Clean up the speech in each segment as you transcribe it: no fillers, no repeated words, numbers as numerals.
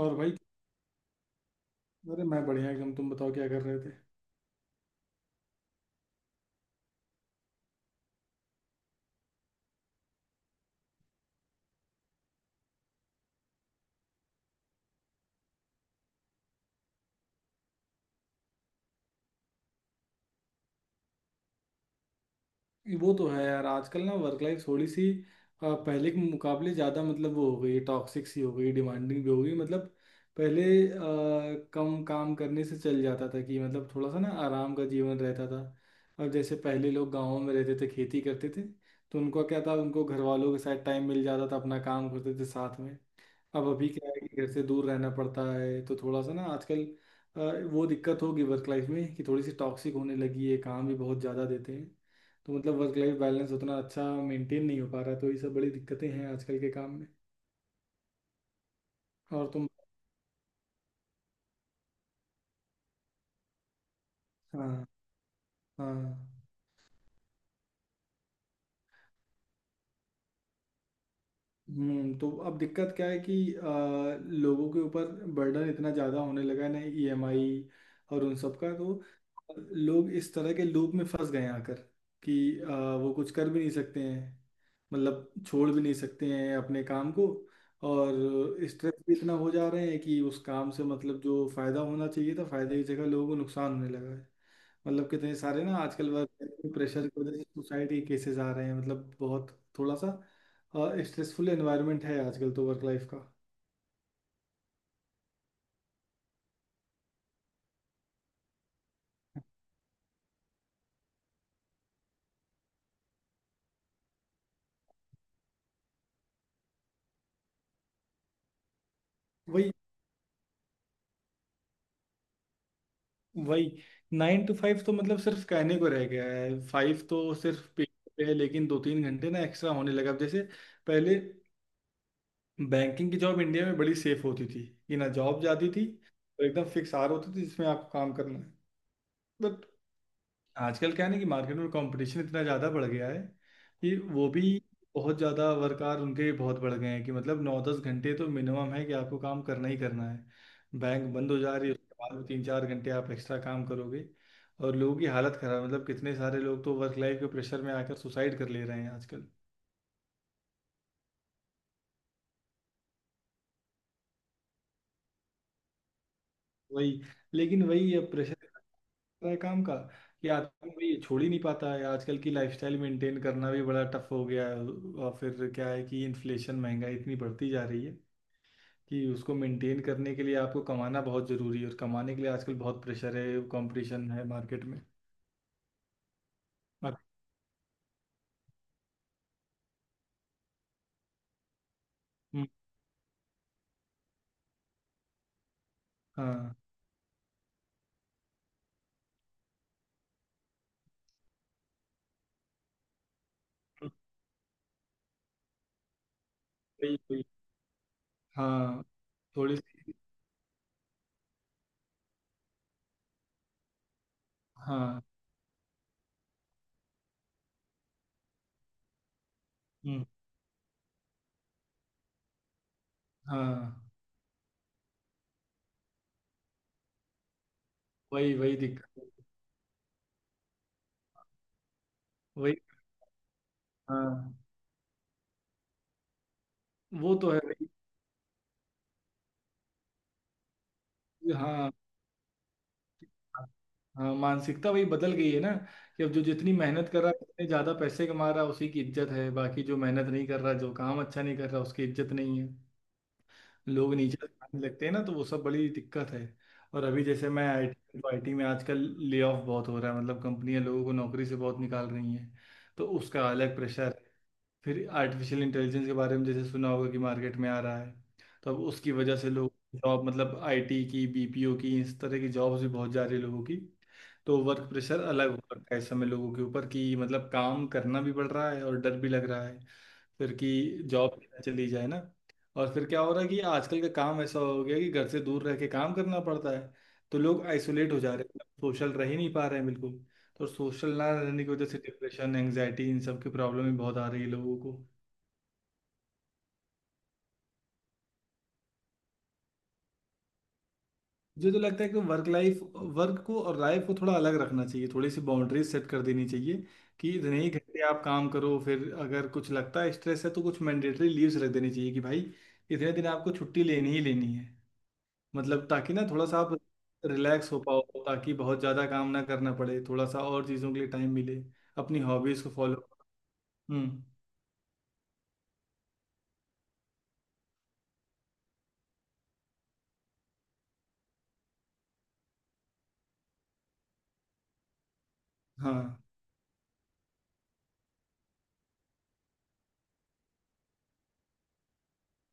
और भाई। अरे मैं बढ़िया एकदम। तुम बताओ क्या कर रहे थे? ये वो तो है यार, आजकल ना वर्क लाइफ थोड़ी सी पहले के मुकाबले ज़्यादा, मतलब वो हो गई टॉक्सिक सी, हो गई डिमांडिंग भी, हो गई मतलब। पहले अ, कम काम करने से चल जाता था, कि मतलब थोड़ा सा ना आराम का जीवन रहता था। अब जैसे पहले लोग गाँव में रहते थे, खेती करते थे, तो उनका क्या था, उनको घर वालों के साथ टाइम मिल जाता था, अपना काम करते थे साथ में। अब अभी क्या है कि घर से दूर रहना पड़ता है, तो थोड़ा सा ना आजकल अ, वो दिक्कत होगी वर्क लाइफ में, कि थोड़ी सी टॉक्सिक होने लगी है, काम भी बहुत ज़्यादा देते हैं। तो मतलब वर्क लाइफ बैलेंस उतना अच्छा मेंटेन नहीं हो पा रहा है, तो ये सब बड़ी दिक्कतें हैं आजकल के काम में। और तुम? हाँ। हाँ। हम्म। तो अब दिक्कत क्या है कि लोगों के ऊपर बर्डन इतना ज़्यादा होने लगा है ना, ईएमआई और उन सब का तो लोग इस तरह के लूप में फंस गए हैं आकर, कि वो कुछ कर भी नहीं सकते हैं, मतलब छोड़ भी नहीं सकते हैं अपने काम को, और स्ट्रेस भी इतना हो जा रहे हैं कि उस काम से मतलब जो फ़ायदा होना चाहिए था, फ़ायदे की जगह लोगों को नुकसान होने लगा है। मतलब कितने सारे ना आजकल वर्क प्रेशर की वजह से सुसाइड के केसेस आ रहे हैं, मतलब बहुत थोड़ा सा स्ट्रेसफुल एनवायरनमेंट है आजकल तो वर्क लाइफ का। वही वही। 9 to 5 तो मतलब सिर्फ कहने को रह गया है, 5 तो सिर्फ पेपर पे है, लेकिन 2-3 घंटे ना एक्स्ट्रा होने लगा। अब जैसे पहले बैंकिंग की जॉब इंडिया में बड़ी सेफ होती थी कि ना जॉब जाती थी, और एकदम फिक्स आर होती थी, जिसमें आपको काम करना है। आजकल क्या है ना कि मार्केट में कंपटीशन इतना ज़्यादा बढ़ गया है, कि वो भी बहुत ज़्यादा वर्क आवर उनके बहुत बढ़ गए हैं, कि मतलब 9-10 घंटे तो मिनिमम है, कि आपको काम करना ही करना है। बैंक बंद हो जा रही है, उसके बाद भी 3-4 घंटे आप एक्स्ट्रा काम करोगे। और लोगों की हालत खराब, मतलब कितने सारे लोग तो वर्क लाइफ के प्रेशर में आकर सुसाइड कर ले रहे हैं आजकल। वही। लेकिन वही अब प्रेशर है काम का, कि आदमी भाई छोड़ ही नहीं पाता है। आजकल की लाइफस्टाइल मेंटेन करना भी बड़ा टफ हो गया है। और फिर क्या है कि इन्फ्लेशन, महंगाई इतनी बढ़ती जा रही है, कि उसको मेंटेन करने के लिए आपको कमाना बहुत ज़रूरी है, और कमाने के लिए आजकल बहुत प्रेशर है, कंपटीशन है मार्केट में। अब- हम्म। हाँ। वही वही। हाँ थोड़ी सी। हाँ। हम्म। हाँ वही वही दिक्कत है। वही। हाँ वो तो है भाई। हाँ। हाँ मानसिकता वही बदल गई है ना, कि अब जो जितनी मेहनत कर रहा है उतने ज्यादा पैसे कमा रहा है, उसी की इज्जत है, बाकी जो मेहनत नहीं कर रहा, जो काम अच्छा नहीं कर रहा उसकी इज्जत नहीं है। लोग नीचे दिखाने लगते हैं ना, तो वो सब बड़ी दिक्कत है। और अभी जैसे मैं आईटी, तो आईटी में आजकल ले ऑफ बहुत हो रहा है, मतलब कंपनियां लोगों को नौकरी से बहुत निकाल रही हैं। तो उसका अलग प्रेशर। फिर आर्टिफिशियल इंटेलिजेंस के बारे में जैसे सुना होगा कि मार्केट में आ रहा है, तो अब उसकी वजह से लोग जॉब, मतलब आईटी की, बीपीओ की, इस तरह की जॉब्स भी बहुत जा रही है लोगों की। तो वर्क प्रेशर अलग हो रखा है इस समय लोगों के ऊपर, कि मतलब काम करना भी पड़ रहा है, और डर भी लग रहा है फिर कि जॉब चली जाए ना। और फिर क्या हो रहा है कि आजकल का काम ऐसा हो गया कि घर से दूर रह के काम करना पड़ता है, तो लोग आइसोलेट हो जा रहे हैं, सोशल रह ही नहीं पा रहे हैं बिल्कुल। तो सोशल ना रहने की वजह से डिप्रेशन, एंग्जाइटी इन सब की प्रॉब्लम ही बहुत आ रही है लोगों को। मुझे तो लगता है कि वर्क लाइफ, वर्क को और लाइफ को थोड़ा अलग रखना चाहिए, थोड़ी सी बाउंड्रीज सेट कर देनी चाहिए कि इतने ही घंटे आप काम करो। फिर अगर कुछ लगता है स्ट्रेस है तो कुछ मैंडेटरी लीव्स रख देनी चाहिए कि भाई इतने दिन आपको छुट्टी लेनी ही लेनी है, मतलब ताकि ना थोड़ा सा आप रिलैक्स हो पाओ, ताकि बहुत ज़्यादा काम ना करना पड़े, थोड़ा सा और चीज़ों के लिए टाइम मिले, अपनी हॉबीज़ को फॉलो। हम्म। हाँ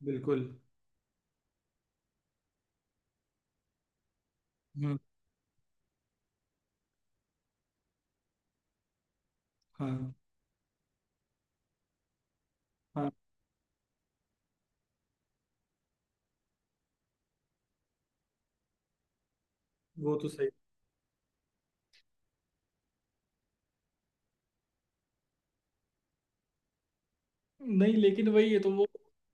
बिल्कुल। हम्म। हाँ। हाँ। वो तो सही। नहीं लेकिन वही है, तो वो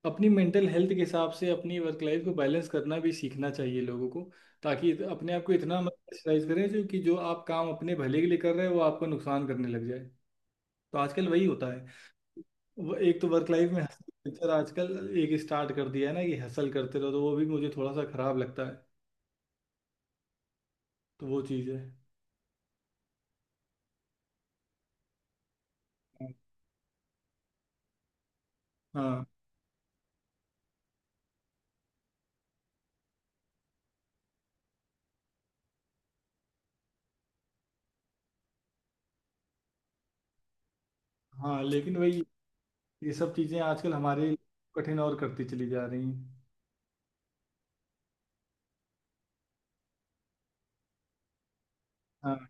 अपनी मेंटल हेल्थ के हिसाब से अपनी वर्क लाइफ को बैलेंस करना भी सीखना चाहिए लोगों को, ताकि अपने आप को इतना मत प्रेशराइज करें, जो कि जो आप काम अपने भले के लिए कर रहे हैं वो आपको नुकसान करने लग जाए। तो आजकल वही होता है। वो एक तो वर्क लाइफ में हसल कल्चर आजकल एक स्टार्ट कर दिया है ना, कि हसल करते रहो, तो वो भी मुझे थोड़ा सा खराब लगता है। तो वो चीज़ है। हाँ। हाँ लेकिन वही ये सब चीज़ें आजकल हमारे कठिन और करती चली जा रही हैं। हाँ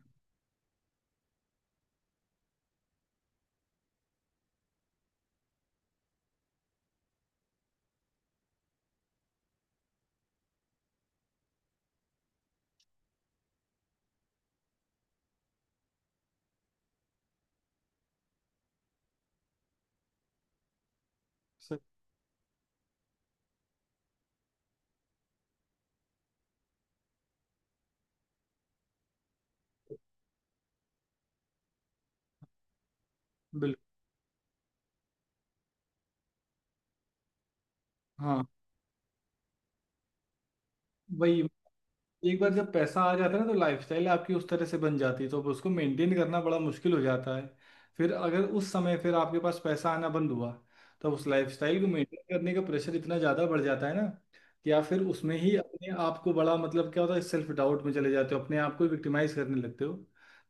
सही। बिल्कुल। हाँ। वही एक बार जब पैसा आ जाता है ना तो लाइफस्टाइल आपकी उस तरह से बन जाती है, तो अब उसको मेंटेन करना बड़ा मुश्किल हो जाता है। फिर अगर उस समय फिर आपके पास पैसा आना बंद हुआ, तो उस लाइफस्टाइल को मेंटेन करने का प्रेशर इतना ज़्यादा बढ़ जाता है ना, कि आप फिर उसमें ही अपने आप को बड़ा, मतलब क्या होता है, सेल्फ डाउट में चले जाते हो, अपने आप को विक्टिमाइज करने लगते हो।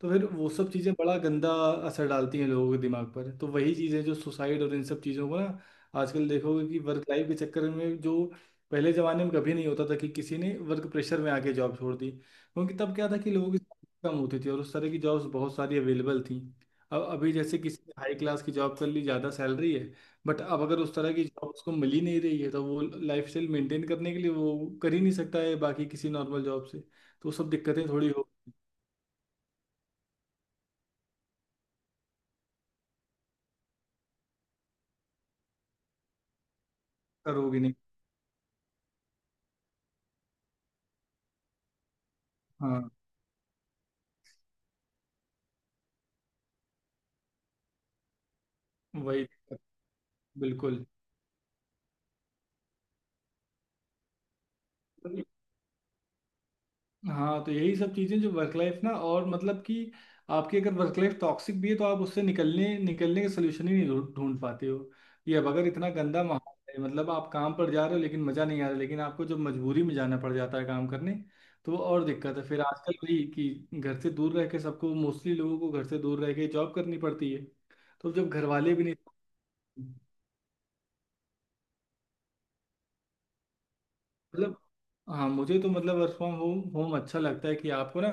तो फिर वो सब चीज़ें बड़ा गंदा असर डालती हैं लोगों के दिमाग पर। तो वही चीज़ें जो सुसाइड और इन सब चीज़ों को ना, आजकल देखोगे कि वर्क लाइफ के चक्कर में जो पहले जमाने में कभी नहीं होता था, कि किसी ने वर्क प्रेशर में आके जॉब छोड़ दी, क्योंकि तब क्या था कि लोगों की salary कम होती थी और उस तरह की जॉब्स बहुत सारी अवेलेबल थी। अब अभी जैसे किसी ने हाई क्लास की जॉब कर ली, ज़्यादा सैलरी है, बट अब अगर उस तरह की जॉब उसको मिल ही नहीं रही है, तो वो लाइफस्टाइल मेंटेन करने के लिए वो कर ही नहीं सकता है, बाकी किसी नॉर्मल जॉब से तो वो सब दिक्कतें थोड़ी हो कर होगी नहीं। हाँ वही दिक्कत। बिल्कुल। हाँ तो यही सब चीजें जो वर्क लाइफ ना, और मतलब कि आपकी अगर वर्क लाइफ टॉक्सिक भी है तो आप उससे निकलने निकलने के सोल्यूशन ही नहीं ढूंढ ढूंढ पाते हो। ये अब अगर इतना गंदा माहौल है, मतलब आप काम पर जा रहे हो लेकिन मजा नहीं आ रहा, लेकिन आपको जब मजबूरी में जाना पड़ जाता है काम करने, तो वो और दिक्कत है। फिर आजकल वही कि घर से दूर रह के सबको, मोस्टली लोगों को घर से दूर रह के जॉब करनी पड़ती है। तो जब घर वाले भी नहीं। मतलब हाँ, मुझे तो मतलब वर्क फ्रॉम होम होम अच्छा लगता है, कि आपको ना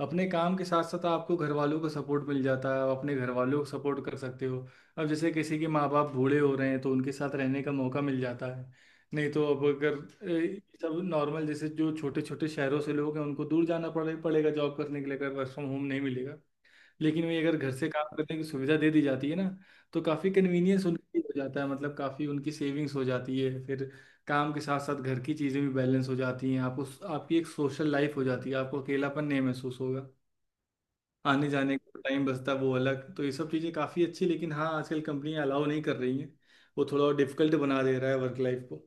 अपने काम के साथ साथ आपको घर वालों का सपोर्ट मिल जाता है, आप अपने घर वालों को सपोर्ट कर सकते हो। अब जैसे किसी के माँ बाप बूढ़े हो रहे हैं, तो उनके साथ रहने का मौका मिल जाता है। नहीं तो अब अगर सब नॉर्मल जैसे जो छोटे छोटे शहरों से लोग हैं, उनको दूर जाना पड़ेगा जॉब करने के लिए अगर वर्क फ्रॉम होम नहीं मिलेगा। लेकिन वही अगर घर से काम करने की सुविधा दे दी जाती है ना, तो काफ़ी कन्वीनियंस उनके लिए हो जाता है, मतलब काफ़ी उनकी सेविंग्स हो जाती है फिर। काम के साथ साथ घर की चीज़ें भी बैलेंस हो जाती हैं आपको, आपकी एक सोशल लाइफ हो जाती है, आपको अकेलापन नहीं महसूस होगा। आने जाने का टाइम बचता है वो अलग, तो ये सब चीज़ें काफ़ी अच्छी। लेकिन हाँ आजकल कंपनियां अलाउ नहीं कर रही हैं, वो थोड़ा डिफिकल्ट बना दे रहा है वर्क लाइफ को।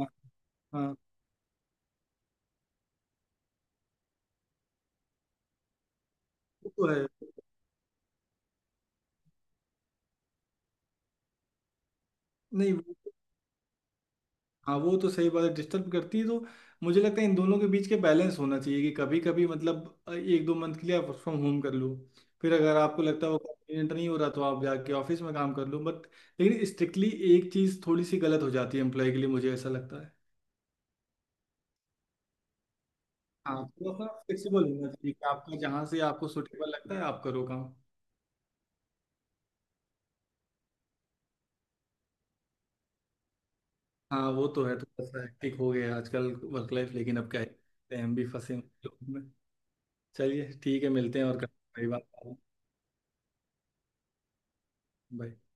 हाँ। हाँ। वो तो है। नहीं। हाँ वो तो सही बात है, डिस्टर्ब करती है, तो मुझे लगता है इन दोनों के बीच के बैलेंस होना चाहिए, कि कभी कभी मतलब 1-2 मंथ के लिए आप वर्क फ्रॉम होम कर लो, फिर अगर आपको लगता है वो कन्वीनियंट नहीं हो रहा तो आप जाके ऑफिस में काम कर लो, बट लेकिन स्ट्रिक्टली एक चीज़ थोड़ी सी गलत हो जाती है एम्प्लॉय के लिए, मुझे ऐसा लगता है। हाँ थोड़ा सा फ्लेक्सिबल होना चाहिए, कि आपका जहाँ से आपको सुटेबल लगता है आप करो काम। हाँ वो तो है, थोड़ा सा हेक्टिक हो गया है आजकल वर्क लाइफ, लेकिन अब क्या है, हम भी फंसे हुए हैं उन लोगों में। चलिए ठीक है, मिलते हैं और करते हैं बात। बाय।